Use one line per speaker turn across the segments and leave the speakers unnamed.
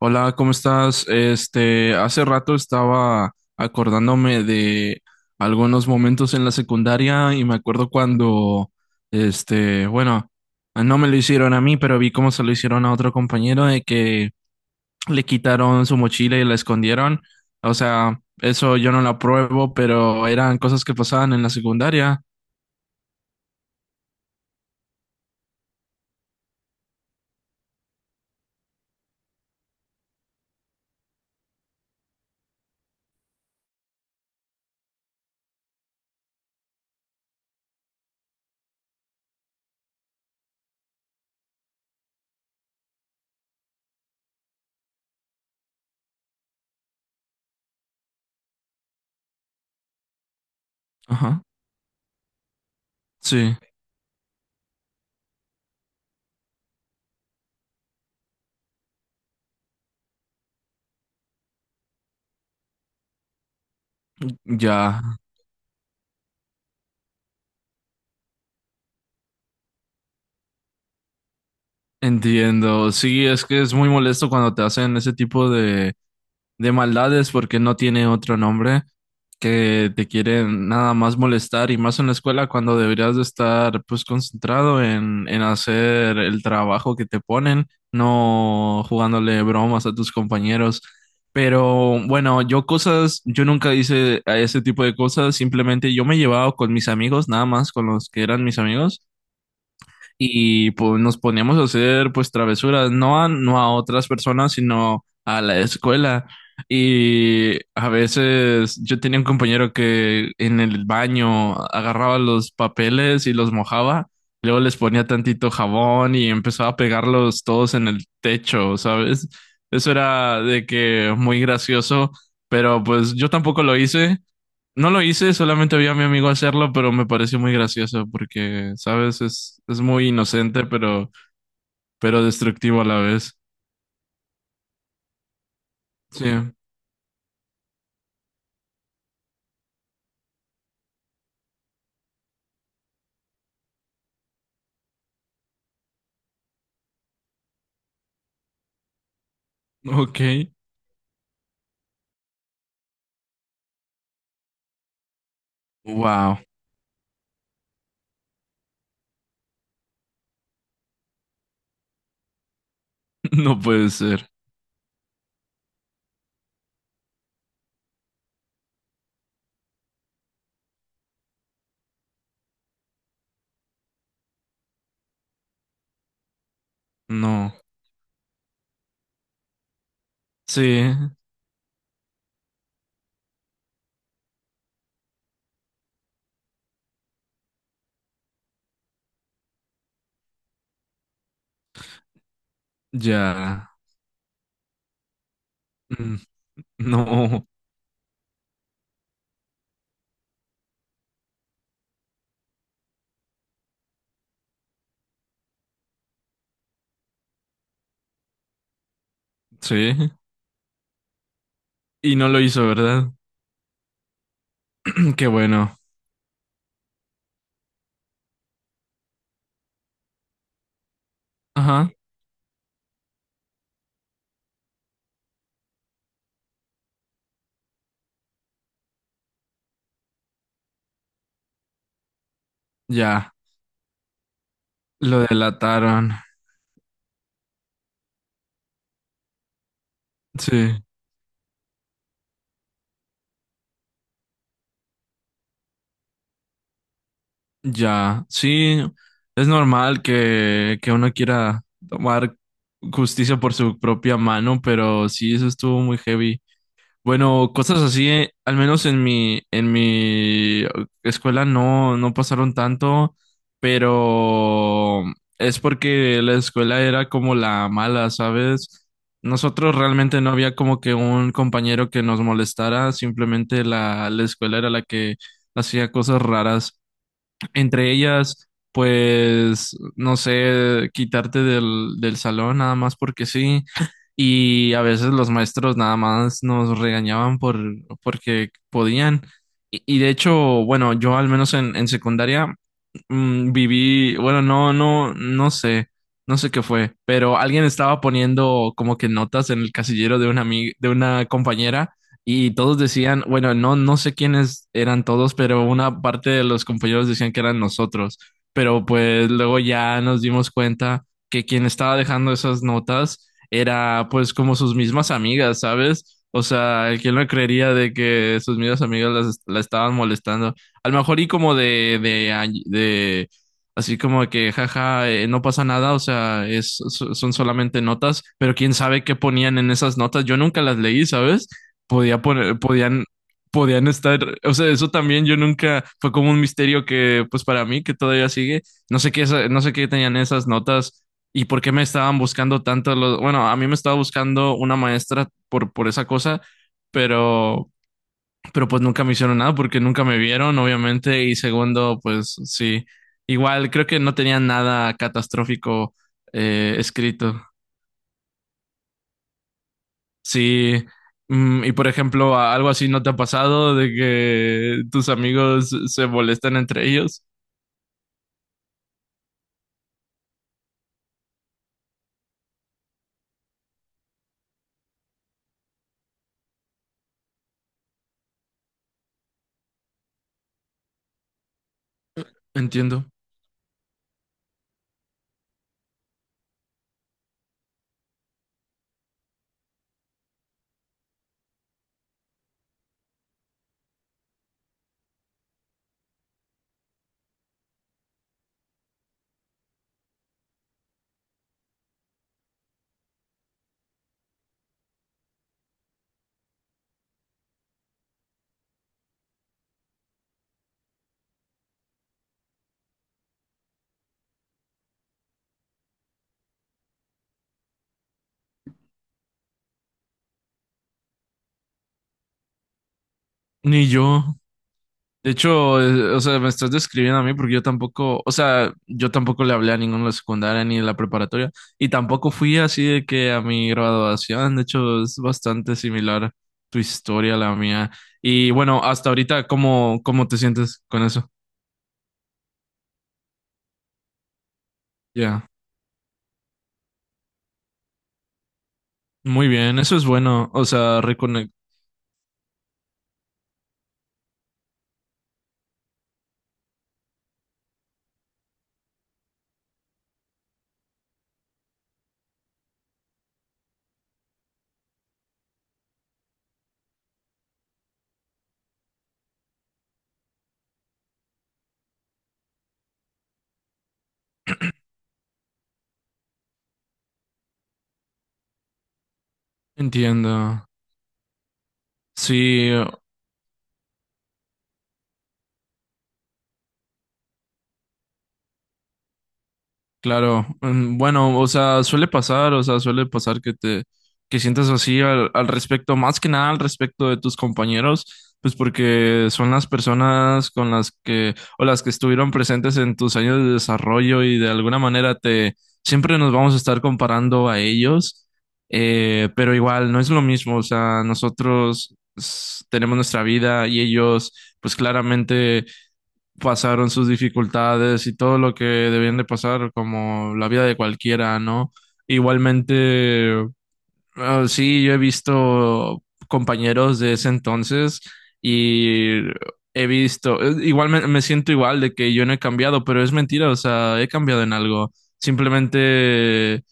Hola, ¿cómo estás? Hace rato estaba acordándome de algunos momentos en la secundaria y me acuerdo cuando, bueno, no me lo hicieron a mí, pero vi cómo se lo hicieron a otro compañero de que le quitaron su mochila y la escondieron. O sea, eso yo no lo apruebo, pero eran cosas que pasaban en la secundaria. Ajá. Sí, ya entiendo. Sí, es que es muy molesto cuando te hacen ese tipo de maldades porque no tiene otro nombre, que te quieren nada más molestar y más en la escuela cuando deberías de estar pues concentrado en hacer el trabajo que te ponen, no jugándole bromas a tus compañeros. Pero bueno, yo nunca hice a ese tipo de cosas, simplemente yo me llevaba con mis amigos, nada más con los que eran mis amigos y pues nos poníamos a hacer pues travesuras, no a otras personas, sino a la escuela. Y a veces yo tenía un compañero que en el baño agarraba los papeles y los mojaba, luego les ponía tantito jabón y empezaba a pegarlos todos en el techo, ¿sabes? Eso era de que muy gracioso, pero pues yo tampoco lo hice, no lo hice, solamente vi a mi amigo hacerlo, pero me pareció muy gracioso porque, sabes, es muy inocente, pero destructivo a la vez. Sí. Ok. Wow. No puede ser. No. Sí. Ya. Mm. No. Sí. Y no lo hizo, ¿verdad? Qué bueno. Ajá. Ya. Lo delataron. Sí. Ya, sí, es normal que uno quiera tomar justicia por su propia mano, pero sí, eso estuvo muy heavy. Bueno, cosas así, al menos en mi escuela no, no pasaron tanto, pero es porque la escuela era como la mala, ¿sabes? Nosotros realmente no había como que un compañero que nos molestara, simplemente la escuela era la que hacía cosas raras. Entre ellas, pues, no sé, quitarte del salón nada más porque sí. Y a veces los maestros nada más nos regañaban porque podían. Y de hecho, bueno, yo al menos en secundaria viví, bueno, no, no, no sé qué fue, pero alguien estaba poniendo como que notas en el casillero de una amiga, de una compañera y todos decían, bueno, no, no sé quiénes eran todos, pero una parte de los compañeros decían que eran nosotros. Pero pues luego ya nos dimos cuenta que quien estaba dejando esas notas era pues como sus mismas amigas, ¿sabes? O sea, ¿quién lo creería de que sus mismas amigas la estaban molestando? A lo mejor y como de así como que, jaja, no pasa nada, o sea, son solamente notas, pero quién sabe qué ponían en esas notas, yo nunca las leí, ¿sabes? podía poner, podían, podían estar, o sea, eso también yo nunca, fue como un misterio que, pues para mí, que todavía sigue, no sé qué tenían esas notas y por qué me estaban buscando tanto, bueno, a mí me estaba buscando una maestra por esa cosa, pero, pero pues nunca me hicieron nada porque nunca me vieron, obviamente, y segundo, pues sí, igual creo que no tenían nada catastrófico escrito. Sí, y por ejemplo, algo así no te ha pasado de que tus amigos se molestan entre ellos. Entiendo. Ni yo. De hecho, o sea, me estás describiendo a mí porque yo tampoco, o sea, yo tampoco le hablé a ninguno de la secundaria ni de la preparatoria y tampoco fui así de que a mi graduación. De hecho, es bastante similar tu historia a la mía. Y bueno, hasta ahorita, ¿cómo te sientes con eso? Ya. Muy bien, eso es bueno. O sea, reconectar. Entiendo. Sí, claro. Bueno, o sea, suele pasar, o sea, suele pasar que sientas así al, respecto, más que nada al respecto de tus compañeros, pues porque son las personas con las que, o las que estuvieron presentes en tus años de desarrollo y de alguna manera siempre nos vamos a estar comparando a ellos, pero igual, no es lo mismo, o sea, nosotros tenemos nuestra vida y ellos, pues claramente pasaron sus dificultades y todo lo que debían de pasar, como la vida de cualquiera, ¿no? Igualmente, ah, sí, yo he visto compañeros de ese entonces y he visto, igual me siento igual de que yo no he cambiado, pero es mentira, o sea, he cambiado en algo. Simplemente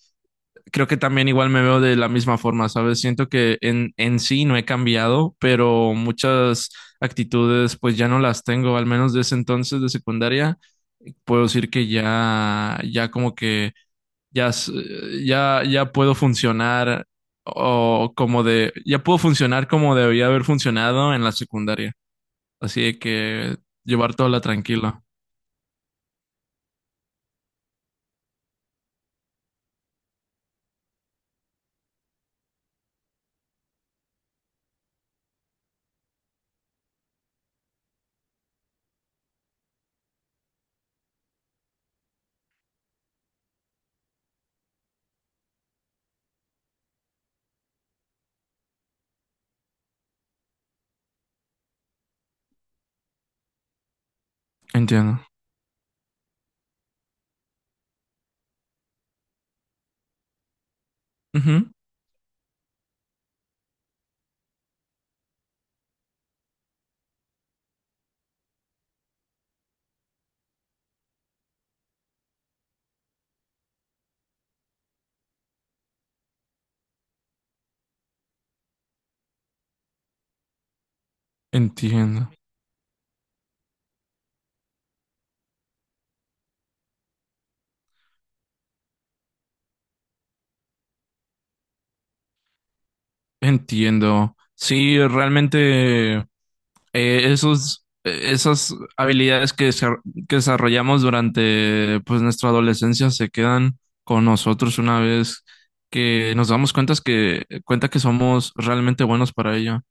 creo que también igual me veo de la misma forma, ¿sabes? Siento que en sí no he cambiado, pero muchas actitudes pues ya no las tengo, al menos de ese entonces de secundaria. Puedo decir que ya como que ya, ya puedo funcionar ya puedo funcionar como debía haber funcionado en la secundaria. Así de que llevar toda la tranquila. Entiendo. Ujú. Entiendo. Entiendo. Sí, realmente esas habilidades que desarrollamos durante pues, nuestra adolescencia se quedan con nosotros una vez que nos damos cuenta que somos realmente buenos para ello.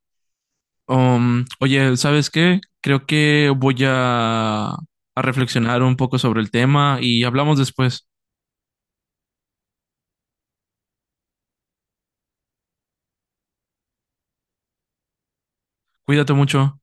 Oye, ¿sabes qué? Creo que voy a reflexionar un poco sobre el tema y hablamos después. Cuídate mucho.